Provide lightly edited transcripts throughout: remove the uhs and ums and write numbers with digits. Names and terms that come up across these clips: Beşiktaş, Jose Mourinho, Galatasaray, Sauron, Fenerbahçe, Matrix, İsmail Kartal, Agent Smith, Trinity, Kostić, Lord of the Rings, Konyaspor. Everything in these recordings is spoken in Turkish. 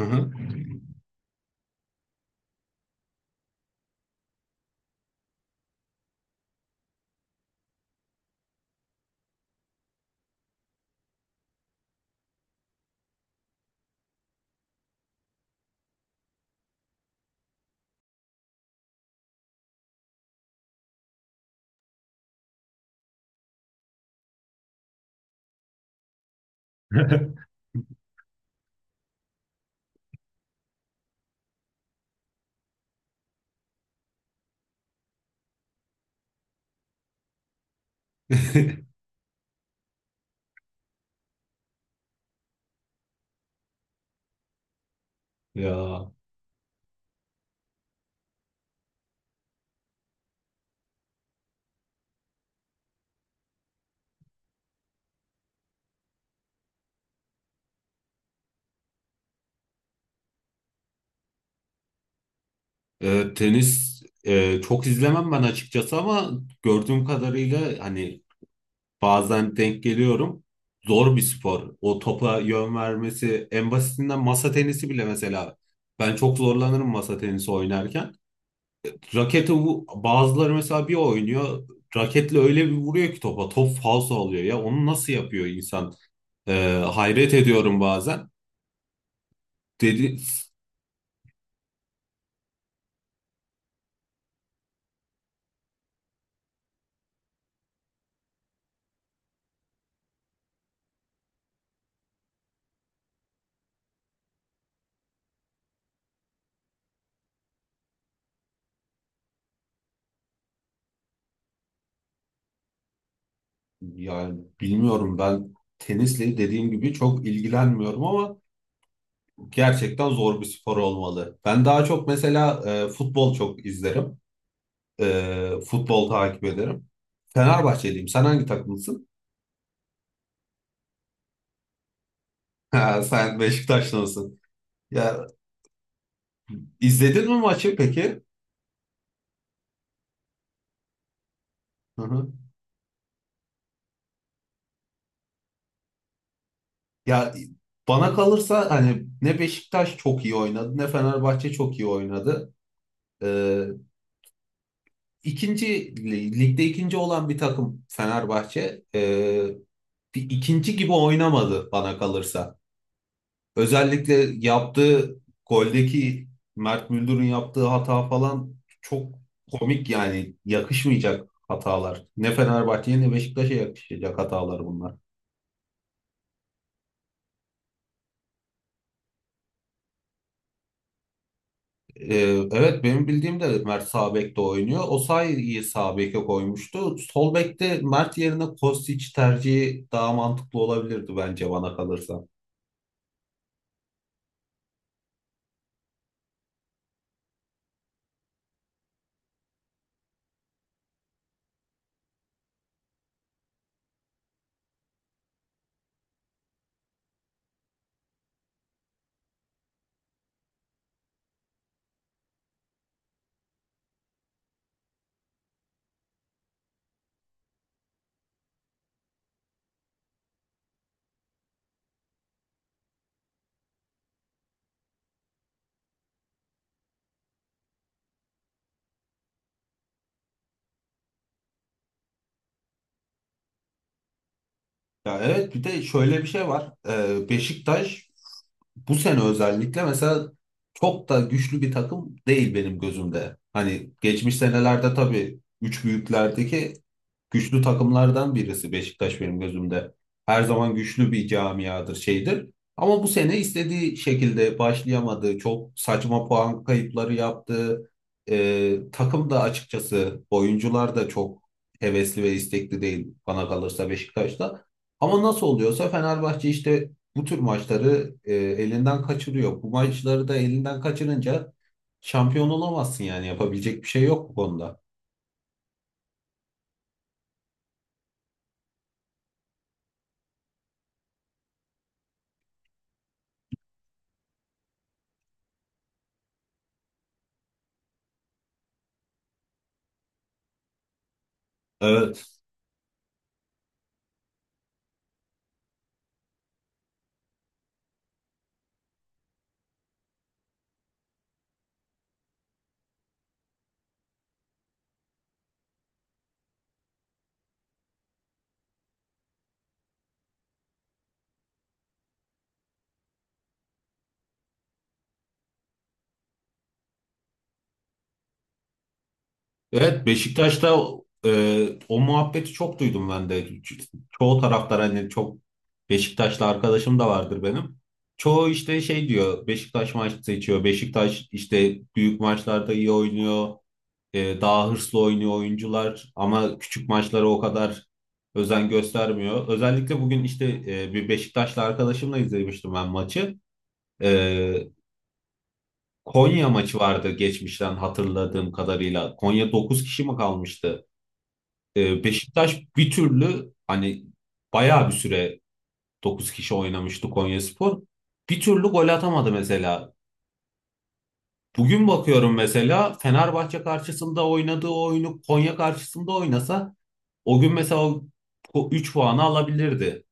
Hı hı. Ya tenis, çok izlemem ben açıkçası ama gördüğüm kadarıyla hani bazen denk geliyorum. Zor bir spor. O topa yön vermesi en basitinden masa tenisi bile mesela. Ben çok zorlanırım masa tenisi oynarken. Bazıları mesela bir oynuyor. Raketle öyle bir vuruyor ki topa. Top falso oluyor ya. Onu nasıl yapıyor insan? Hayret ediyorum bazen. Dedi yani bilmiyorum, ben tenisle dediğim gibi çok ilgilenmiyorum ama gerçekten zor bir spor olmalı. Ben daha çok mesela futbol çok izlerim. Futbol takip ederim. Fenerbahçeliyim. Sen hangi takımlısın? Ha, sen Beşiktaşlısın. Ya izledin mi maçı peki? Hı hı. Ya bana kalırsa hani ne Beşiktaş çok iyi oynadı ne Fenerbahçe çok iyi oynadı. Ee, ikinci ligde ikinci olan bir takım Fenerbahçe bir ikinci gibi oynamadı bana kalırsa. Özellikle yaptığı goldeki Mert Müldür'ün yaptığı hata falan çok komik, yani yakışmayacak hatalar. Ne Fenerbahçe'ye ne Beşiktaş'a yakışacak hatalar bunlar. Ee, evet, benim bildiğim de Mert sağ bekte oynuyor. Osayi'yi sağ beke koymuştu. Sol bekte Mert yerine Kostić tercihi daha mantıklı olabilirdi bence, bana kalırsa. Ya evet, bir de şöyle bir şey var. Beşiktaş bu sene özellikle mesela çok da güçlü bir takım değil benim gözümde. Hani geçmiş senelerde tabii üç büyüklerdeki güçlü takımlardan birisi Beşiktaş benim gözümde. Her zaman güçlü bir camiadır, şeydir. Ama bu sene istediği şekilde başlayamadı. Çok saçma puan kayıpları yaptı. Takım da açıkçası, oyuncular da çok hevesli ve istekli değil bana kalırsa Beşiktaş'ta. Ama nasıl oluyorsa Fenerbahçe işte bu tür maçları elinden kaçırıyor. Bu maçları da elinden kaçırınca şampiyon olamazsın, yani yapabilecek bir şey yok bu konuda. Evet. Evet, Beşiktaş'ta o muhabbeti çok duydum ben de. Çoğu taraftar hani çok, Beşiktaşlı arkadaşım da vardır benim. Çoğu işte şey diyor, Beşiktaş maç seçiyor. Beşiktaş işte büyük maçlarda iyi oynuyor. Daha hırslı oynuyor oyuncular ama küçük maçlara o kadar özen göstermiyor. Özellikle bugün işte, bir Beşiktaşlı arkadaşımla izlemiştim ben maçı. E, Konya maçı vardı geçmişten hatırladığım kadarıyla. Konya 9 kişi mi kalmıştı? Beşiktaş bir türlü hani, bayağı bir süre 9 kişi oynamıştı Konyaspor. Bir türlü gol atamadı mesela. Bugün bakıyorum mesela, Fenerbahçe karşısında oynadığı oyunu Konya karşısında oynasa o gün mesela o 3 puanı alabilirdi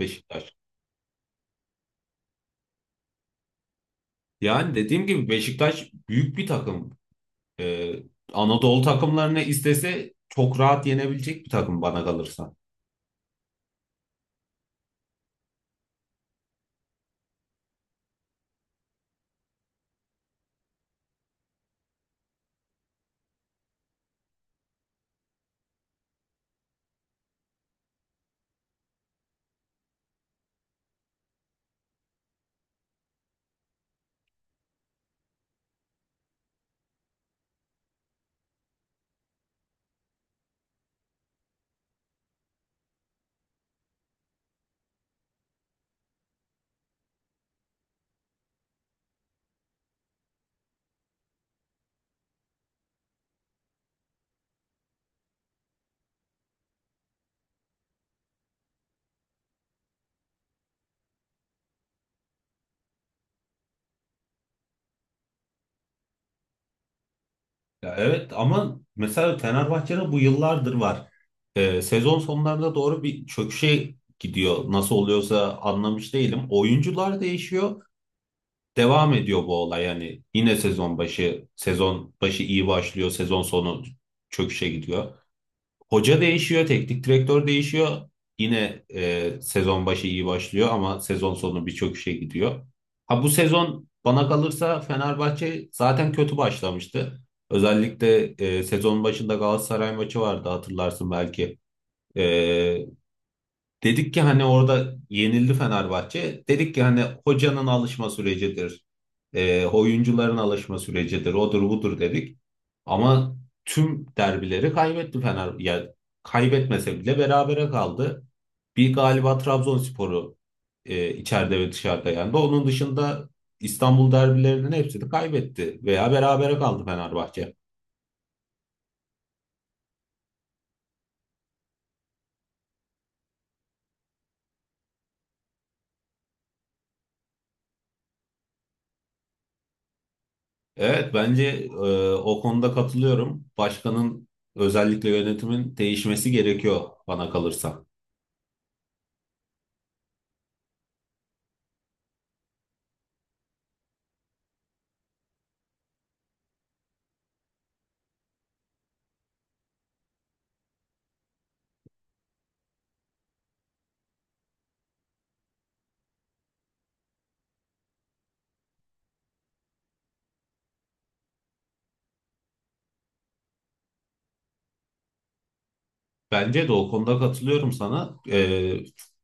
Beşiktaş. Yani dediğim gibi Beşiktaş büyük bir takım. Ee, Anadolu takımlarını istese çok rahat yenebilecek bir takım bana kalırsa. Ya evet, ama mesela Fenerbahçe'de bu yıllardır var. Sezon sonlarında doğru bir çöküşe gidiyor. Nasıl oluyorsa anlamış değilim. Oyuncular değişiyor, devam ediyor bu olay. Yani yine sezon başı, sezon başı iyi başlıyor, sezon sonu çöküşe gidiyor. Hoca değişiyor, teknik direktör değişiyor. Yine sezon başı iyi başlıyor ama sezon sonu bir çöküşe gidiyor. Ha, bu sezon bana kalırsa Fenerbahçe zaten kötü başlamıştı. Özellikle sezon başında Galatasaray maçı vardı, hatırlarsın belki. E, Dedik ki hani, orada yenildi Fenerbahçe. Dedik ki hani hocanın alışma sürecidir. Oyuncuların alışma sürecidir. Odur budur dedik. Ama tüm derbileri kaybetti Fener. Ya kaybetmese bile berabere kaldı. Bir galiba Trabzonspor'u içeride ve dışarıda yendi. Onun dışında İstanbul derbilerinin hepsini kaybetti veya berabere kaldı Fenerbahçe. Evet, bence o konuda katılıyorum. Başkanın, özellikle yönetimin değişmesi gerekiyor bana kalırsa. Bence de o konuda katılıyorum sana.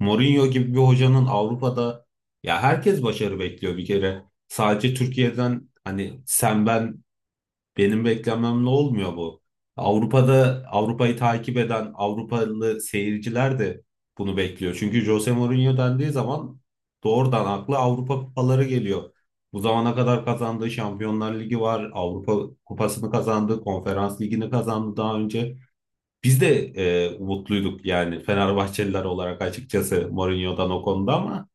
Mourinho gibi bir hocanın Avrupa'da, ya herkes başarı bekliyor bir kere. Sadece Türkiye'den hani, sen ben, benim beklememle olmuyor bu. Avrupa'da, Avrupa'yı takip eden Avrupalı seyirciler de bunu bekliyor. Çünkü Jose Mourinho dendiği zaman doğrudan akla Avrupa kupaları geliyor. Bu zamana kadar kazandığı Şampiyonlar Ligi var, Avrupa Kupası'nı kazandı, Konferans Ligi'ni kazandı daha önce. Biz de umutluyduk yani Fenerbahçeliler olarak, açıkçası Mourinho'dan o konuda, ama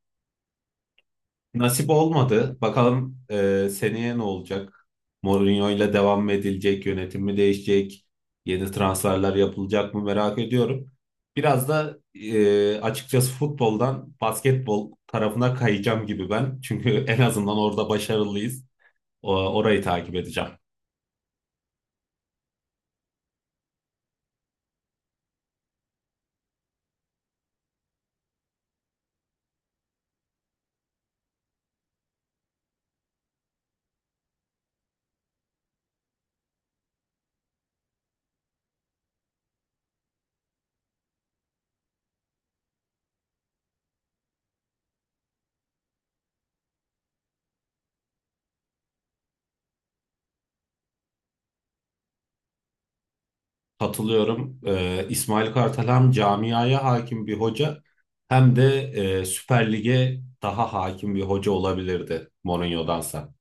nasip olmadı. Bakalım seneye ne olacak? Mourinho ile devam mı edilecek? Yönetim mi değişecek? Yeni transferler yapılacak mı, merak ediyorum. Biraz da açıkçası futboldan basketbol tarafına kayacağım gibi ben. Çünkü en azından orada başarılıyız. Orayı takip edeceğim. Katılıyorum. İsmail Kartal hem camiaya hakim bir hoca, hem de Süper Lig'e daha hakim bir hoca olabilirdi Mourinho'dansa.